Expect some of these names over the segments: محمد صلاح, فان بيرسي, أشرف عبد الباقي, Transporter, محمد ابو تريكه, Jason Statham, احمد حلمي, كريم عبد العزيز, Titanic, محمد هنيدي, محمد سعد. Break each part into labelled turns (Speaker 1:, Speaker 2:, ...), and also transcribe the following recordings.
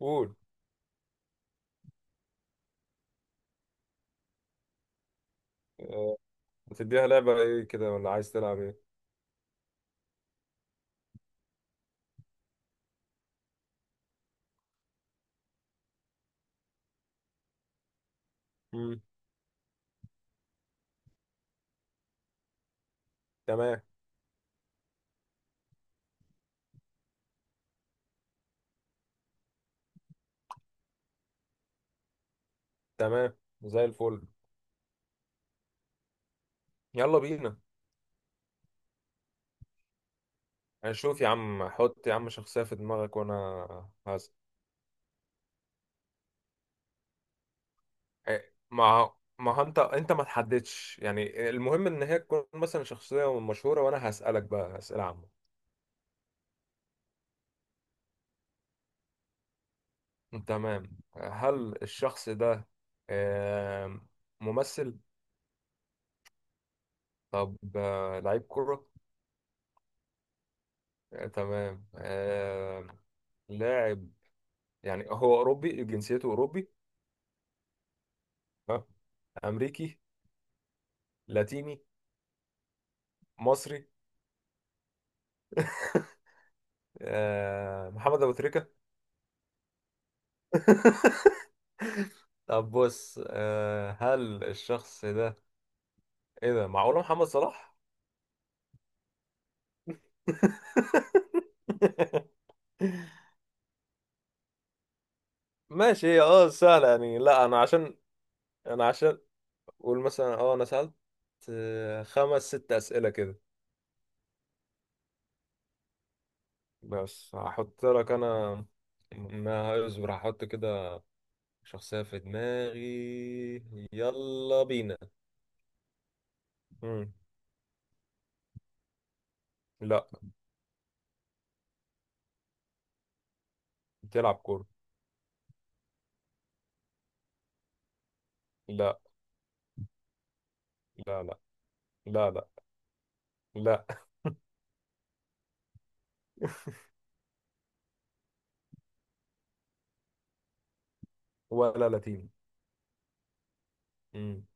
Speaker 1: قول. آه، هتديها لعبة ايه كده ولا عايز تلعب ايه؟ مم. تمام. تمام، زي الفل. يلا بينا. هنشوف يا عم، حط يا عم شخصية في دماغك وانا هز. إيه، ما ما هو انت ما تحددش، يعني المهم ان هي تكون مثلا شخصية مشهورة وانا هسألك بقى أسئلة عامة. تمام. هل الشخص ده آم، ممثل؟ طب لعيب كرة؟ تمام. لاعب. يعني هو أوروبي، جنسيته أوروبي؟ ها، امريكي؟ لاتيني؟ مصري؟ محمد ابو تريكه؟ طب بص، هل الشخص ده، ايه ده، معقوله محمد صلاح؟ ماشي، هي سهله يعني. لا، انا عشان قول مثلا، انا سالت خمس ست اسئله كده. بس هحط لك انا، ما اصبر، هحط كده شخصيه في دماغي. يلا بينا. مم. لا. بتلعب كورة. لا، لا، لا، لا، لا، لا، ولا لاتيني. مم.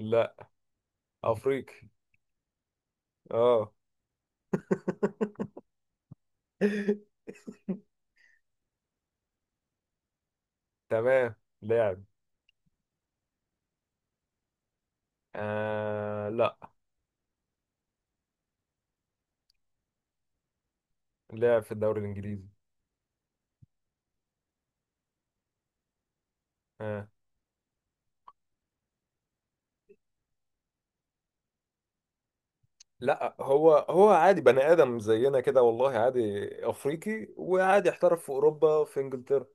Speaker 1: لا. أفريقي. اه. تمام. لاعب. آه، لا. لاعب في الدوري الإنجليزي. آه، لا. هو هو عادي بني آدم زينا كده، والله عادي. أفريقي وعادي احترف في أوروبا في إنجلترا.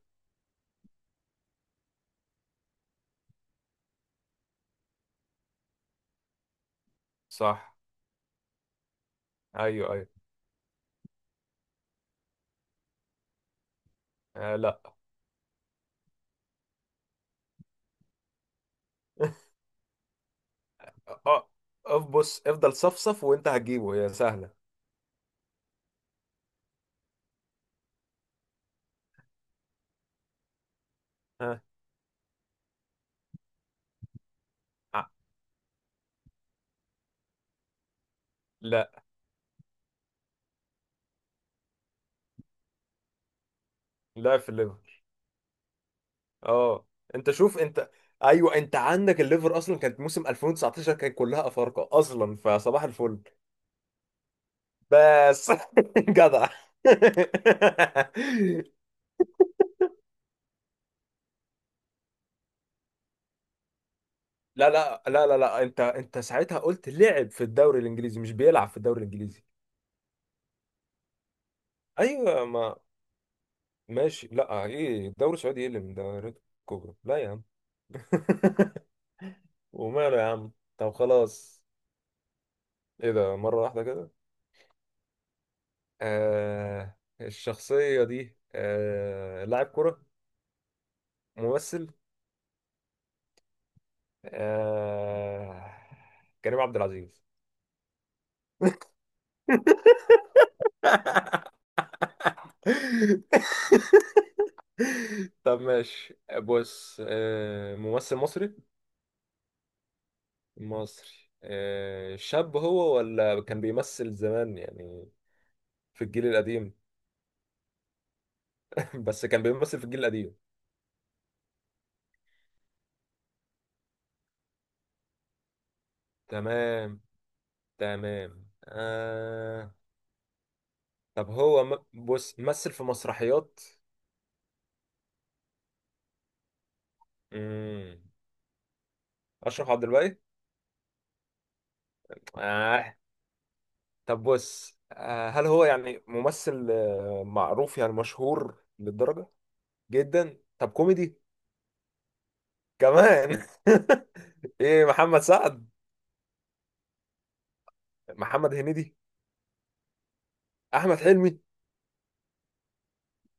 Speaker 1: صح. أيوه، أيوه. آه، لا. اه، بص، افضل صفصف وأنت هتجيبه، هي سهلة. ها. آه. لا، لاعب في الليفر. اه، انت، شوف انت. ايوه، انت عندك الليفر اصلا كانت موسم 2019 كان كلها افارقه اصلا، فصباح الفل بس. جدع. لا، لا، لا، لا، لا، انت ساعتها قلت لعب في الدوري الانجليزي، مش بيلعب في الدوري الانجليزي. ايوه، ما ماشي. لا، ايه الدوري السعودي، ايه اللي من دوريات الكبرى؟ لا يا عم. وماله يا عم. طب خلاص. ايه ده مره واحده كده. الشخصيه دي لاعب كره؟ ممثل. آه... كريم عبد العزيز؟ طب ماشي بص، ممثل مصري؟ مصري. شاب هو ولا كان بيمثل زمان يعني؟ في الجيل القديم؟ بس كان بيمثل في الجيل القديم. تمام، تمام. طب هو بص، مثل في مسرحيات؟ مم. أشرف عبد الباقي؟ آه. طب بص، هل هو يعني ممثل معروف؟ يعني مشهور للدرجة؟ جدا. طب كوميدي كمان؟ ايه، محمد سعد؟ محمد هنيدي؟ احمد حلمي؟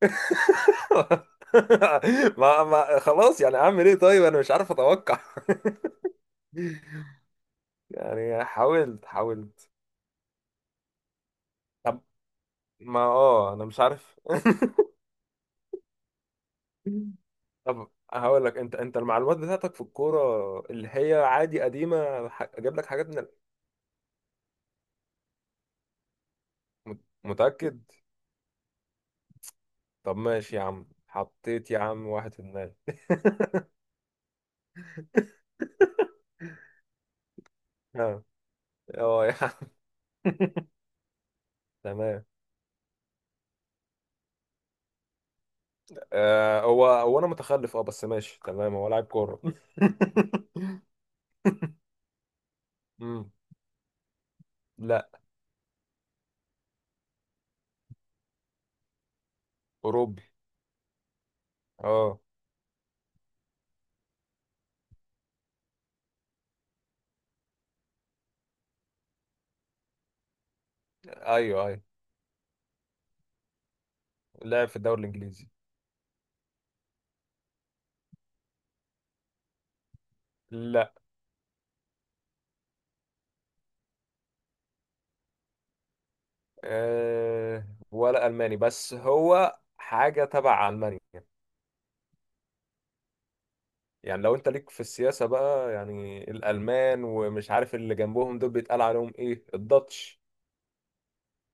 Speaker 1: ما خلاص، يعني اعمل ايه؟ طيب انا مش عارف اتوقع. يعني حاولت حاولت. طب ما، انا مش عارف. طب هقول لك، انت المعلومات بتاعتك في الكورة اللي هي عادي قديمة، اجيب لك حاجات من. متأكد؟ طب ماشي يا عم، حطيت يا عم واحد في دماغي. اه، اه يا عم. تمام. هو هو انا متخلف، بس ماشي، تمام، هو لاعب كورة. امم لا. اوروبي. اه، ايوه، ايوه، لعب في الدوري الانجليزي. لا. ولا الماني بس هو حاجه تبع المانيا. يعني لو انت ليك في السياسه بقى يعني، الالمان ومش عارف اللي جنبهم دول بيتقال عليهم ايه، الداتش.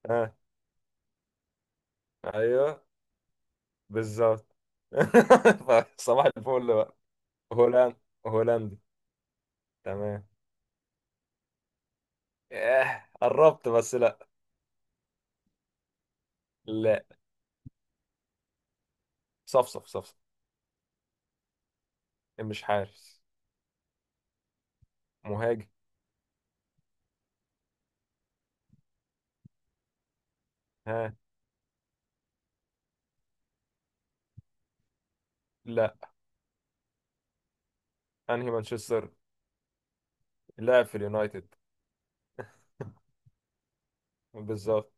Speaker 1: ها، اه، ايوه، بالظبط. صباح الفل بقى. هولاند. هولندي. تمام. اه، قربت بس لا. لا. صفصف، صفصف. مش حارس. مهاجم. ها، لا. انهي مانشستر؟ لاعب في اليونايتد، بالظبط.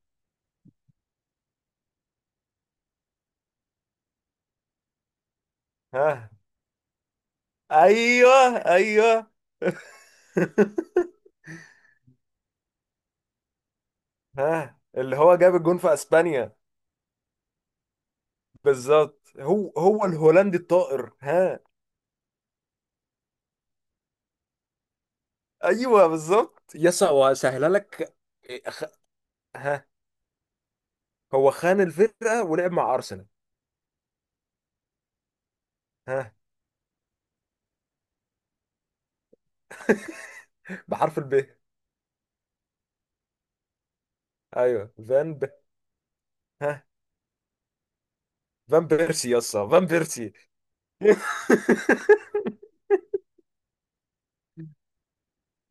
Speaker 1: ها. ايوه، ايوه. ها، اللي هو جاب الجون في اسبانيا، بالظبط. هو هو الهولندي الطائر. ها. ايوه، بالظبط، يسا، وهسهلها لك. إيه، أخ- ها. هو خان الفرقة ولعب مع أرسنال. ها، بحرف الب. أيوه، فان ب. ها، فان بيرسي، يسا، فان بيرسي.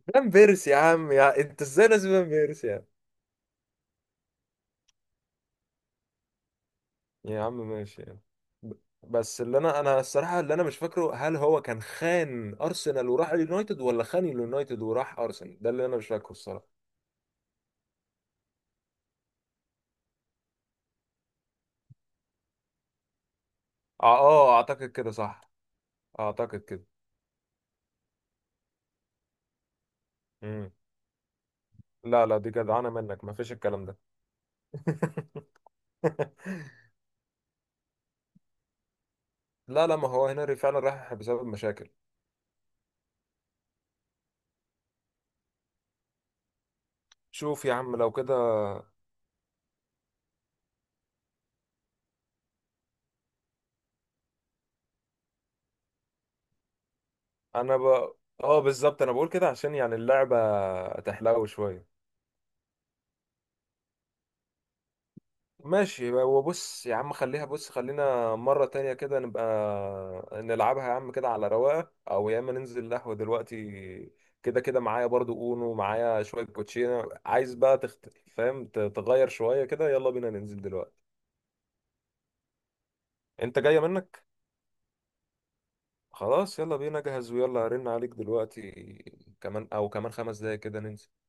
Speaker 1: فان بيرسي يا عم، يا أنت إزاي ناسي فان بيرسي يا عم. يا عم ماشي يعني. ب- بس اللي أنا الصراحة اللي أنا مش فاكره، هل هو كان خان أرسنال وراح اليونايتد ولا خان اليونايتد وراح أرسنال، ده اللي أنا مش فاكره الصراحة. آه، آه، أعتقد كده صح. أعتقد كده. مم. لا، لا، دي جدعانة منك، مفيش الكلام ده. لا، لا، ما هو هنري فعلا راح بسبب مشاكل. شوف يا عم لو كده. انا اه بالظبط، انا بقول كده عشان يعني اللعبة تحلو شوية. ماشي، وبص يا عم، خليها، بص، خلينا مرة تانية كده نبقى نلعبها يا عم كده على رواقة، او يا اما ننزل قهوة دلوقتي، كده كده معايا برضو، اونو معايا شوية كوتشينة، عايز بقى فاهم، تغير شوية كده، يلا بينا ننزل دلوقتي. انت جاية منك؟ خلاص، يلا بينا، جهز، ويلا هرن عليك دلوقتي كمان، او كمان 5 دقايق كده ننزل.